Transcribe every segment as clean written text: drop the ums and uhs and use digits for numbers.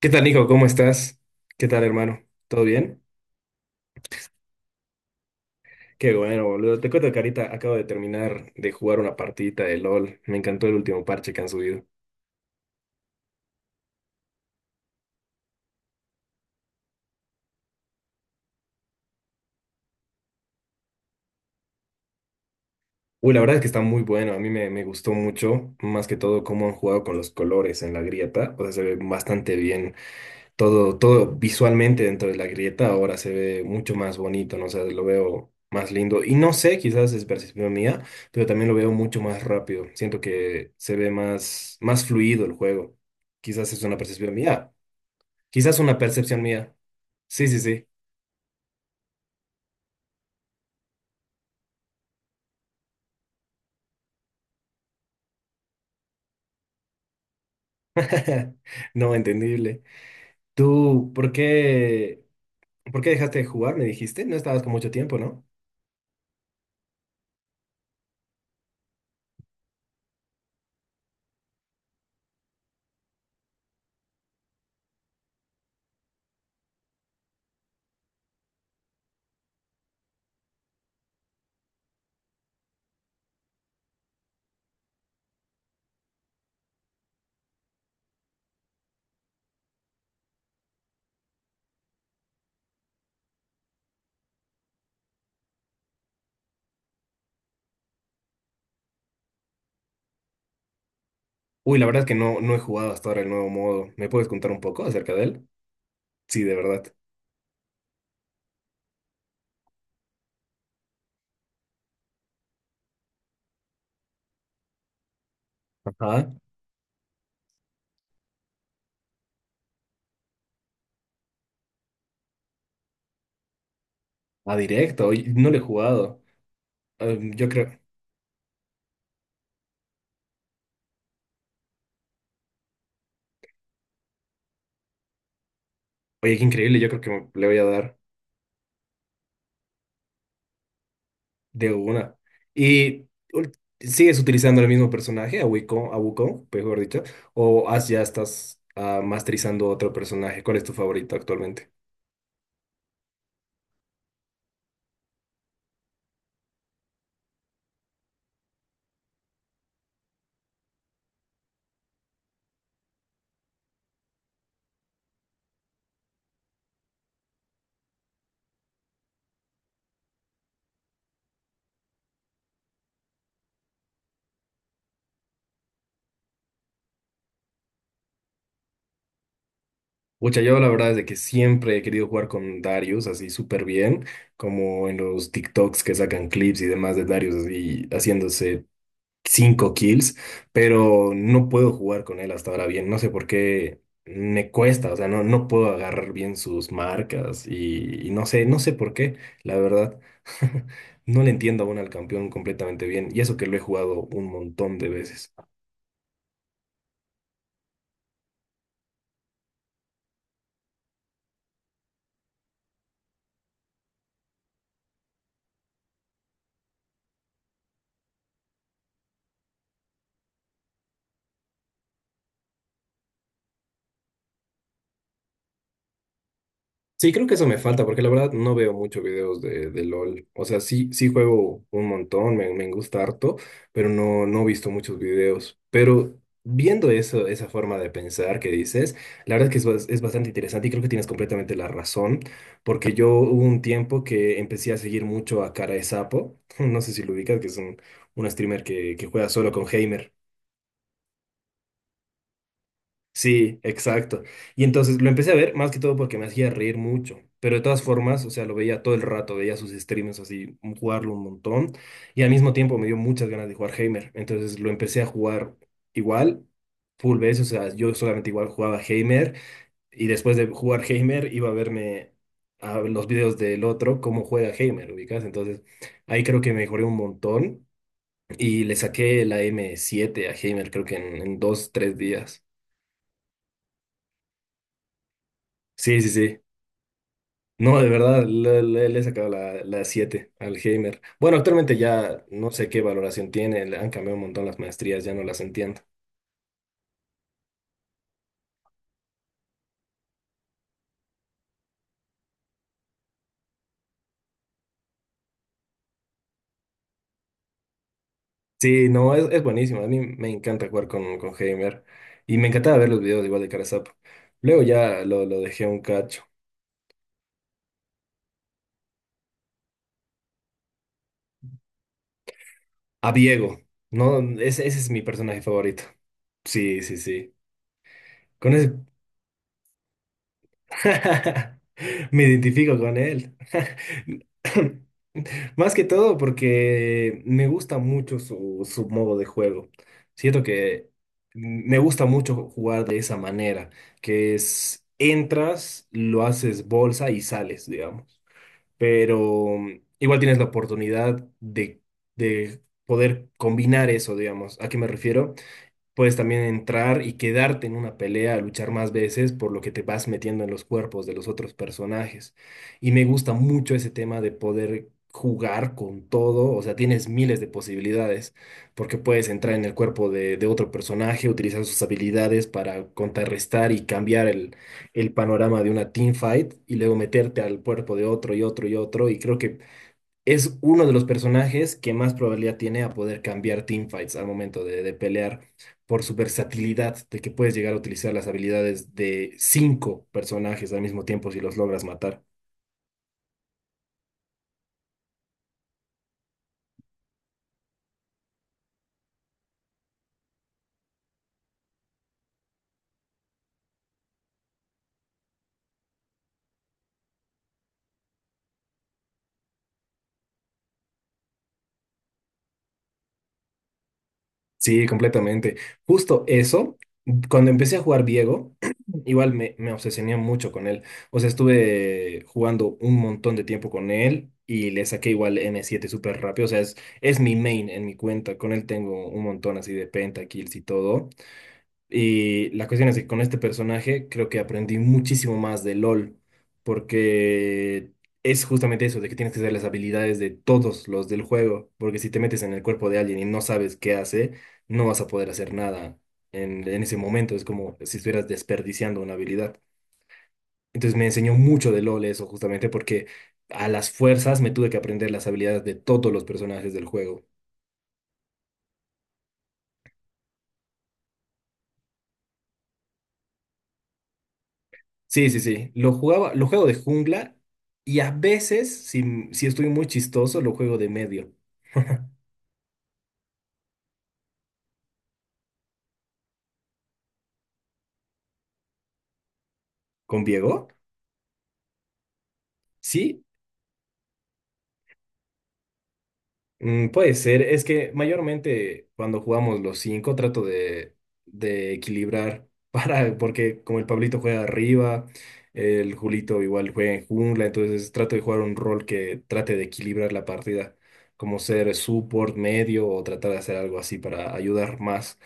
¿Qué tal, hijo? ¿Cómo estás? ¿Qué tal, hermano? ¿Todo bien? Qué bueno, boludo. Te cuento, carita, acabo de terminar de jugar una partidita de LOL. Me encantó el último parche que han subido. Uy, la verdad es que está muy bueno. A mí me gustó mucho, más que todo, cómo han jugado con los colores en la grieta. O sea, se ve bastante bien todo visualmente dentro de la grieta ahora se ve mucho más bonito, ¿no? O sea, lo veo más lindo. Y no sé, quizás es percepción mía, pero también lo veo mucho más rápido. Siento que se ve más fluido el juego. Quizás es una percepción mía. Quizás una percepción mía. Sí, sí, sí. No, entendible. ¿Tú por qué dejaste de jugar? Me dijiste, no estabas con mucho tiempo, ¿no? Uy, la verdad es que no he jugado hasta ahora el nuevo modo. ¿Me puedes contar un poco acerca de él? Sí, de verdad. Ajá. Ah, directo. Oye, no le he jugado. Yo creo. Oye, qué increíble. Yo creo que le voy a dar de una. ¿Y ul- Sigues utilizando el mismo personaje, a Wukong, mejor dicho? ¿ Ya estás masterizando otro personaje? ¿Cuál es tu favorito actualmente? Pucha, yo la verdad es de que siempre he querido jugar con Darius así súper bien, como en los TikToks que sacan clips y demás de Darius así haciéndose cinco kills, pero no puedo jugar con él hasta ahora bien. No sé por qué me cuesta, o sea, no puedo agarrar bien sus marcas y no sé, no sé por qué, la verdad. No le entiendo aún al campeón completamente bien, y eso que lo he jugado un montón de veces. Sí, creo que eso me falta, porque la verdad no veo muchos videos de LOL. O sea, sí, sí juego un montón, me gusta harto, pero no, no he visto muchos videos. Pero viendo eso, esa forma de pensar que dices, la verdad que es bastante interesante y creo que tienes completamente la razón, porque yo hubo un tiempo que empecé a seguir mucho a Cara de Sapo, no sé si lo ubicas, que es un streamer que juega solo con Heimer. Sí, exacto. Y entonces lo empecé a ver más que todo porque me hacía reír mucho. Pero de todas formas, o sea, lo veía todo el rato, veía sus streams así, jugarlo un montón. Y al mismo tiempo me dio muchas ganas de jugar Heimer. Entonces lo empecé a jugar igual, full veces. O sea, yo solamente igual jugaba Heimer. Y después de jugar Heimer, iba a verme a los videos del otro, cómo juega Heimer, ubicas. Entonces ahí creo que mejoré un montón. Y le saqué la m siete a Heimer, creo que en dos, tres días. Sí, sí, sí. No, de verdad, le he sacado la al Heimer. Bueno, actualmente ya no sé qué valoración tiene, le han cambiado un montón las maestrías, ya no las entiendo. Sí, no, es buenísimo, a mí me encanta jugar con Heimer y me encantaba ver los videos igual de Carasap. Luego ya lo dejé un cacho. A Viego, no, ese es mi personaje favorito. Sí, sí, sí. Con ese me identifico con él. Más que todo porque me gusta mucho su modo de juego. Siento que me gusta mucho jugar de esa manera, que es entras, lo haces bolsa y sales, digamos. Pero igual tienes la oportunidad de poder combinar eso, digamos. ¿A qué me refiero? Puedes también entrar y quedarte en una pelea, luchar más veces, por lo que te vas metiendo en los cuerpos de los otros personajes. Y me gusta mucho ese tema de poder jugar con todo, o sea, tienes miles de posibilidades, porque puedes entrar en el cuerpo de otro personaje, utilizar sus habilidades para contrarrestar y cambiar el panorama de una teamfight, y luego meterte al cuerpo de otro y otro y otro, y creo que es uno de los personajes que más probabilidad tiene a poder cambiar teamfights al momento de pelear por su versatilidad, de que puedes llegar a utilizar las habilidades de cinco personajes al mismo tiempo si los logras matar. Sí, completamente. Justo eso, cuando empecé a jugar Diego, igual me obsesioné mucho con él. O sea, estuve jugando un montón de tiempo con él. Y le saqué igual m siete súper rápido. O sea, es mi main en mi cuenta. Con él tengo un montón así de pentakills y todo. Y la cuestión es que con este personaje creo que aprendí muchísimo más de LOL, porque es justamente eso, de que tienes que saber las habilidades de todos los del juego, porque si te metes en el cuerpo de alguien y no sabes qué hace, no vas a poder hacer nada en, en ese momento, es como si estuvieras desperdiciando una habilidad. Entonces me enseñó mucho de LOL eso justamente porque a las fuerzas me tuve que aprender las habilidades de todos los personajes del juego. Sí, sí, sí. Lo jugaba, lo juego de jungla y a veces, si, si estoy muy chistoso, lo juego de medio. ¿Con Diego? Sí, puede ser. Es que mayormente cuando jugamos los cinco trato de equilibrar para, porque como el Pablito juega arriba, el Julito igual juega en jungla, entonces trato de jugar un rol que trate de equilibrar la partida, como ser support, medio o tratar de hacer algo así para ayudar más.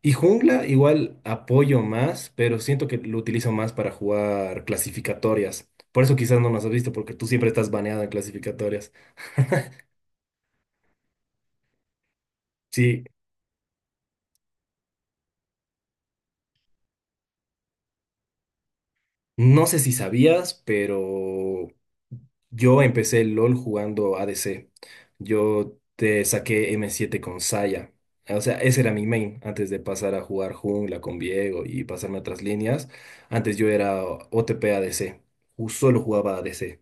Y jungla igual apoyo más, pero siento que lo utilizo más para jugar clasificatorias. Por eso quizás no nos has visto, porque tú siempre estás baneada en clasificatorias. Sí, no sé si sabías, pero yo empecé el LOL jugando ADC. Yo te saqué m siete con Saya. O sea, ese era mi main antes de pasar a jugar jungla con Viego y pasarme a otras líneas. Antes yo era OTP ADC. Solo jugaba ADC.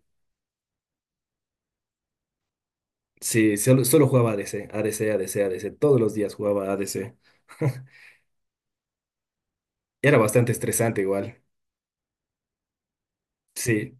Sí, solo, solo jugaba ADC, ADC, ADC, ADC. Todos los días jugaba ADC. Era bastante estresante igual. Sí,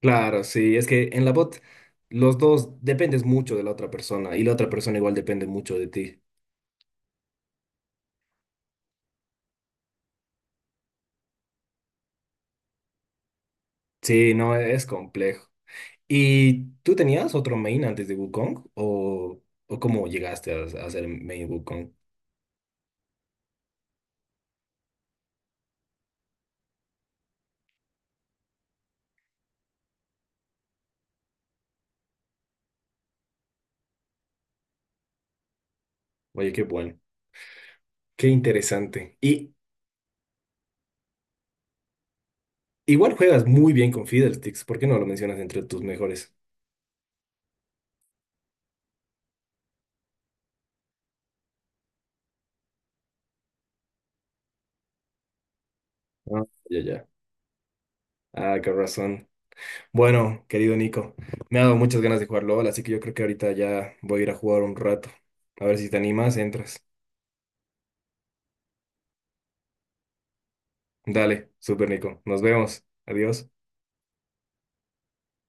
claro, sí. Es que en la bot los dos dependes mucho de la otra persona y la otra persona igual depende mucho de ti. Sí, no, es complejo. ¿Y tú tenías otro main antes de Wukong? O cómo llegaste a ser main Wukong? Oye, qué bueno. Qué interesante. Y igual juegas muy bien con Fiddlesticks. ¿Por qué no lo mencionas entre tus mejores? Ah, ya, ya. Ah, qué razón. Bueno, querido Nico, me ha dado muchas ganas de jugar LOL, así que yo creo que ahorita ya voy a ir a jugar un rato. A ver si te animas, entras. Dale, super Nico. Nos vemos. Adiós.